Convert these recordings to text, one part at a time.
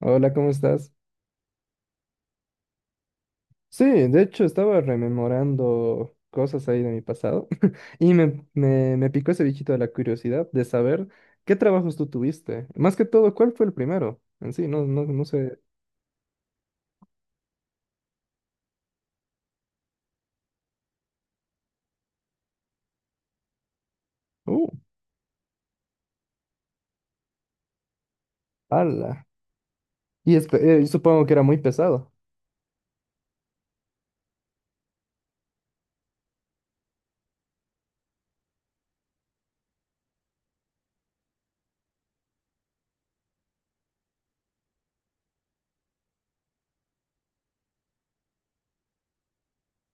Hola, ¿cómo estás? Sí, de hecho estaba rememorando cosas ahí de mi pasado y me picó ese bichito de la curiosidad de saber qué trabajos tú tuviste. Más que todo, ¿cuál fue el primero? En sí, no, no, no sé. Uh, ala. Y supongo que era muy pesado.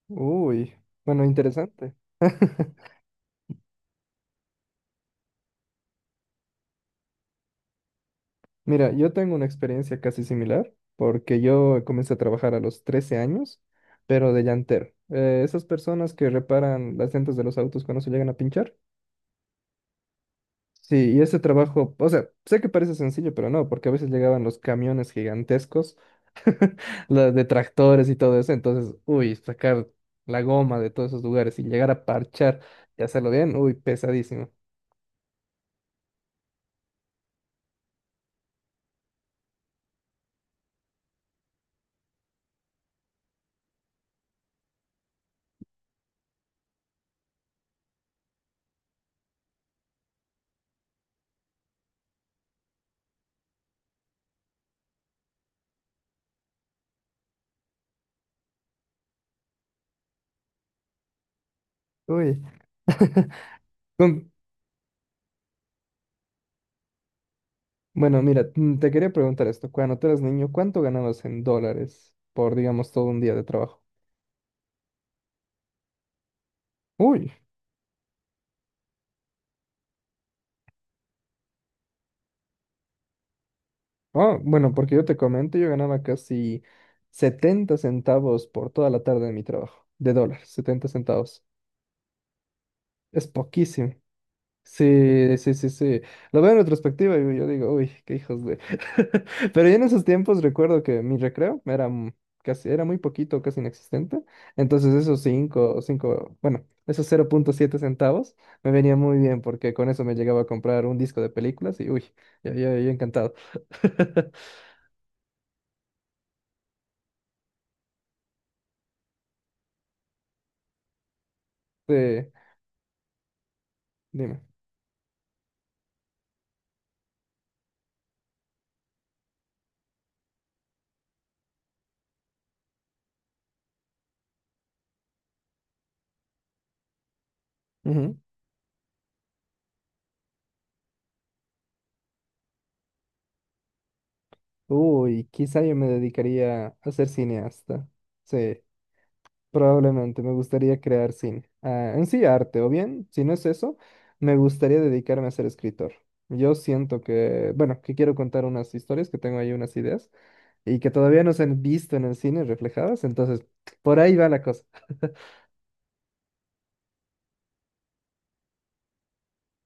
Uy, bueno, interesante. Mira, yo tengo una experiencia casi similar porque yo comencé a trabajar a los 13 años, pero de llantero. Esas personas que reparan las llantas de los autos cuando se llegan a pinchar. Sí, y ese trabajo, o sea, sé que parece sencillo, pero no, porque a veces llegaban los camiones gigantescos, los de tractores y todo eso, entonces, uy, sacar la goma de todos esos lugares y llegar a parchar y hacerlo bien, uy, pesadísimo. Uy. Con- Bueno, mira, te quería preguntar esto, cuando tú eras niño, ¿cuánto ganabas en dólares por, digamos, todo un día de trabajo? Uy, ah, bueno, porque yo te comento, yo ganaba casi 70 centavos por toda la tarde de mi trabajo, de dólares, 70 centavos. Es poquísimo. Sí, sí, sí, sí. Lo veo en retrospectiva y yo digo, uy, qué hijos de... Pero yo en esos tiempos recuerdo que mi recreo era m- casi, era muy poquito, casi inexistente. Entonces esos cinco, cinco, bueno, esos 0,7 centavos me venía muy bien porque con eso me llegaba a comprar un disco de películas y uy, yo encantado. Sí, dime. Ujú. Uy, quizá yo me dedicaría a ser cineasta. Sí. Probablemente me gustaría crear cine. Ah, en sí, arte, o bien, si no es eso, me gustaría dedicarme a ser escritor. Yo siento que, bueno, que quiero contar unas historias, que tengo ahí unas ideas y que todavía no se han visto en el cine reflejadas, entonces por ahí va la cosa.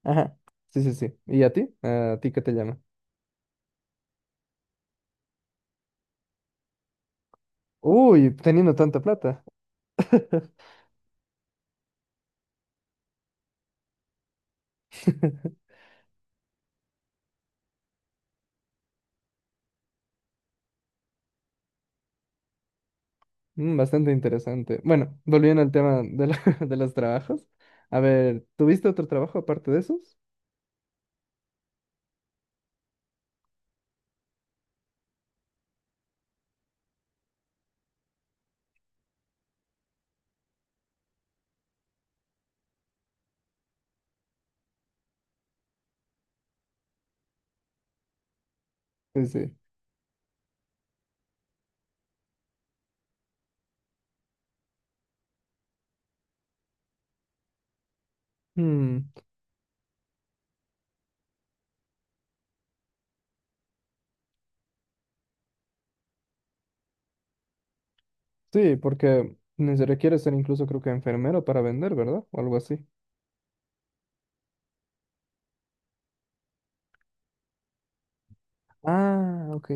Ajá, sí, sí, sí. ¿Y a ti? ¿A ti qué te llama? Uy, teniendo tanta plata. Mm, bastante interesante. Bueno, volviendo al tema de, de los trabajos. A ver, ¿tuviste otro trabajo aparte de esos? Sí, sí. Mm. Sí, porque ni se requiere ser incluso creo que enfermero para vender, ¿verdad? O algo así. Ah, ok.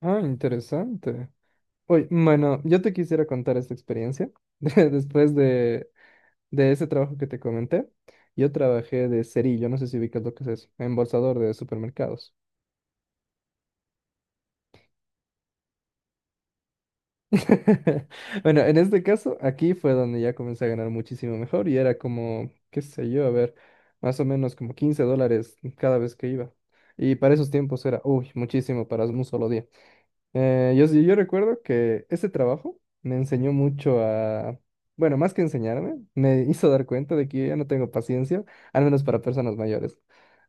Ah, interesante. Oye, bueno, yo te quisiera contar esta experiencia. Después de ese trabajo que te comenté, yo trabajé de cerillo, no sé si ubicas lo que es eso, embolsador de supermercados. Bueno, en este caso, aquí fue donde ya comencé a ganar muchísimo mejor y era como, qué sé yo, a ver, más o menos como 15 dólares cada vez que iba. Y para esos tiempos era, uy, muchísimo para un solo día. Yo, yo recuerdo que ese trabajo me enseñó mucho a, bueno, más que enseñarme, me hizo dar cuenta de que yo ya no tengo paciencia, al menos para personas mayores.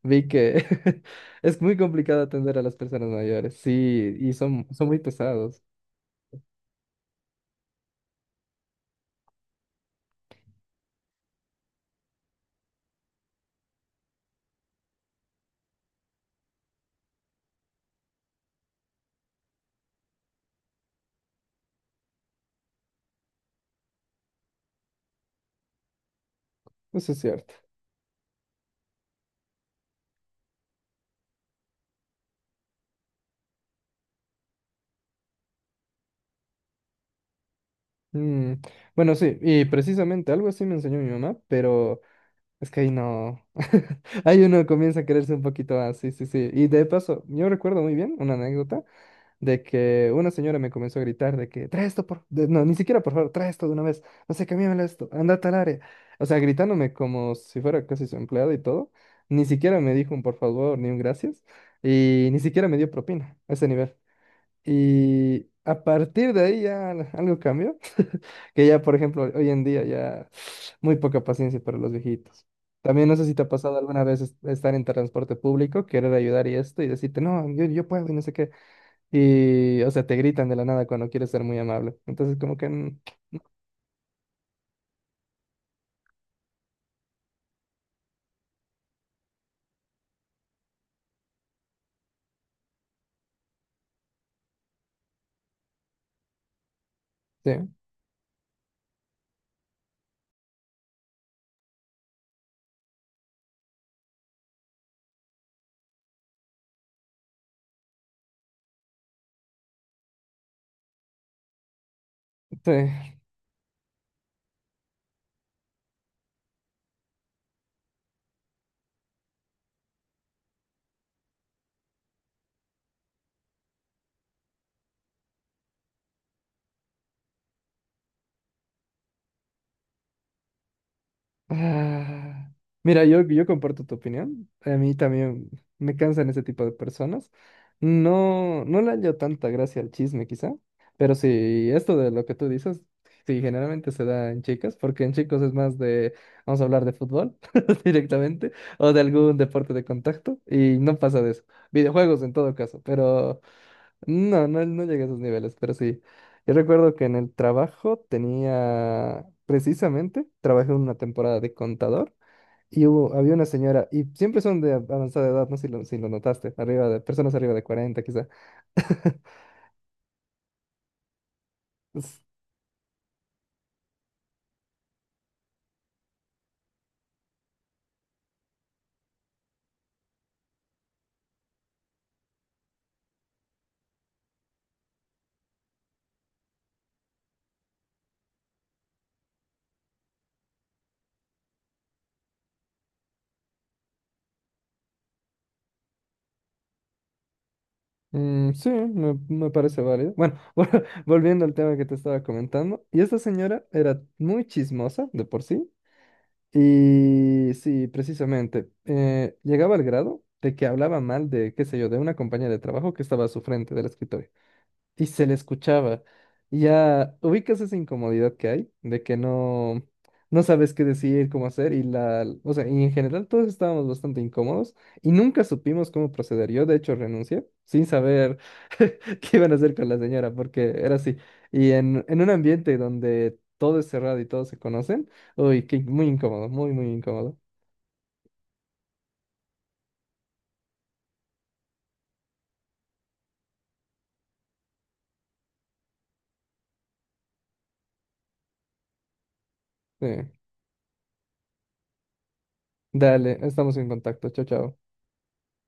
Vi que es muy complicado atender a las personas mayores, sí, y son, son muy pesados. Eso es cierto. Mm, Bueno, sí, y precisamente algo así me enseñó mi mamá, pero es que ahí no. Ahí uno comienza a quererse un poquito más, sí, sí, sí. Y de paso, yo recuerdo muy bien una anécdota de que una señora me comenzó a gritar de que trae esto por. No, ni siquiera por favor, trae esto de una vez. No sé, cámbiamelo esto, anda a tal área. O sea, gritándome como si fuera casi su empleada y todo. Ni siquiera me dijo un por favor ni un gracias. Y ni siquiera me dio propina a ese nivel. Y a partir de ahí ya algo cambió. Que ya, por ejemplo, hoy en día ya muy poca paciencia para los viejitos. También no sé si te ha pasado alguna vez estar en transporte público, querer ayudar y esto, y decirte, no, yo puedo y no sé qué. Y, o sea, te gritan de la nada cuando quieres ser muy amable. Entonces, como que, mm, sí, sí. Ah, mira, yo comparto tu opinión. A mí también me cansan ese tipo de personas. No, no le hallo tanta gracia al chisme, quizá. Pero sí, esto de lo que tú dices, sí, generalmente se da en chicas, porque en chicos es más de, vamos a hablar de fútbol directamente, o de algún deporte de contacto, y no pasa de eso. Videojuegos en todo caso, pero no, no, no llegué a esos niveles, pero sí. Yo recuerdo que en el trabajo tenía, precisamente, trabajé una temporada de contador y hubo, había una señora, y siempre son de avanzada edad, no sé si lo, si lo notaste, arriba de, personas arriba de 40 quizá. Es- sí, me parece válido. Bueno, volviendo al tema que te estaba comentando, y esta señora era muy chismosa de por sí. Y sí, precisamente, llegaba al grado de que hablaba mal de, qué sé yo, de una compañera de trabajo que estaba a su frente del escritorio y se le escuchaba. Y ya ubicas esa incomodidad que hay de que no, no sabes qué decir, cómo hacer y la, o sea, y en general todos estábamos bastante incómodos y nunca supimos cómo proceder. Yo de hecho renuncié sin saber qué iban a hacer con la señora porque era así. Y en un ambiente donde todo es cerrado y todos se conocen, uy, qué, muy incómodo, muy, muy incómodo. Sí. Dale, estamos en contacto. Chao, chao.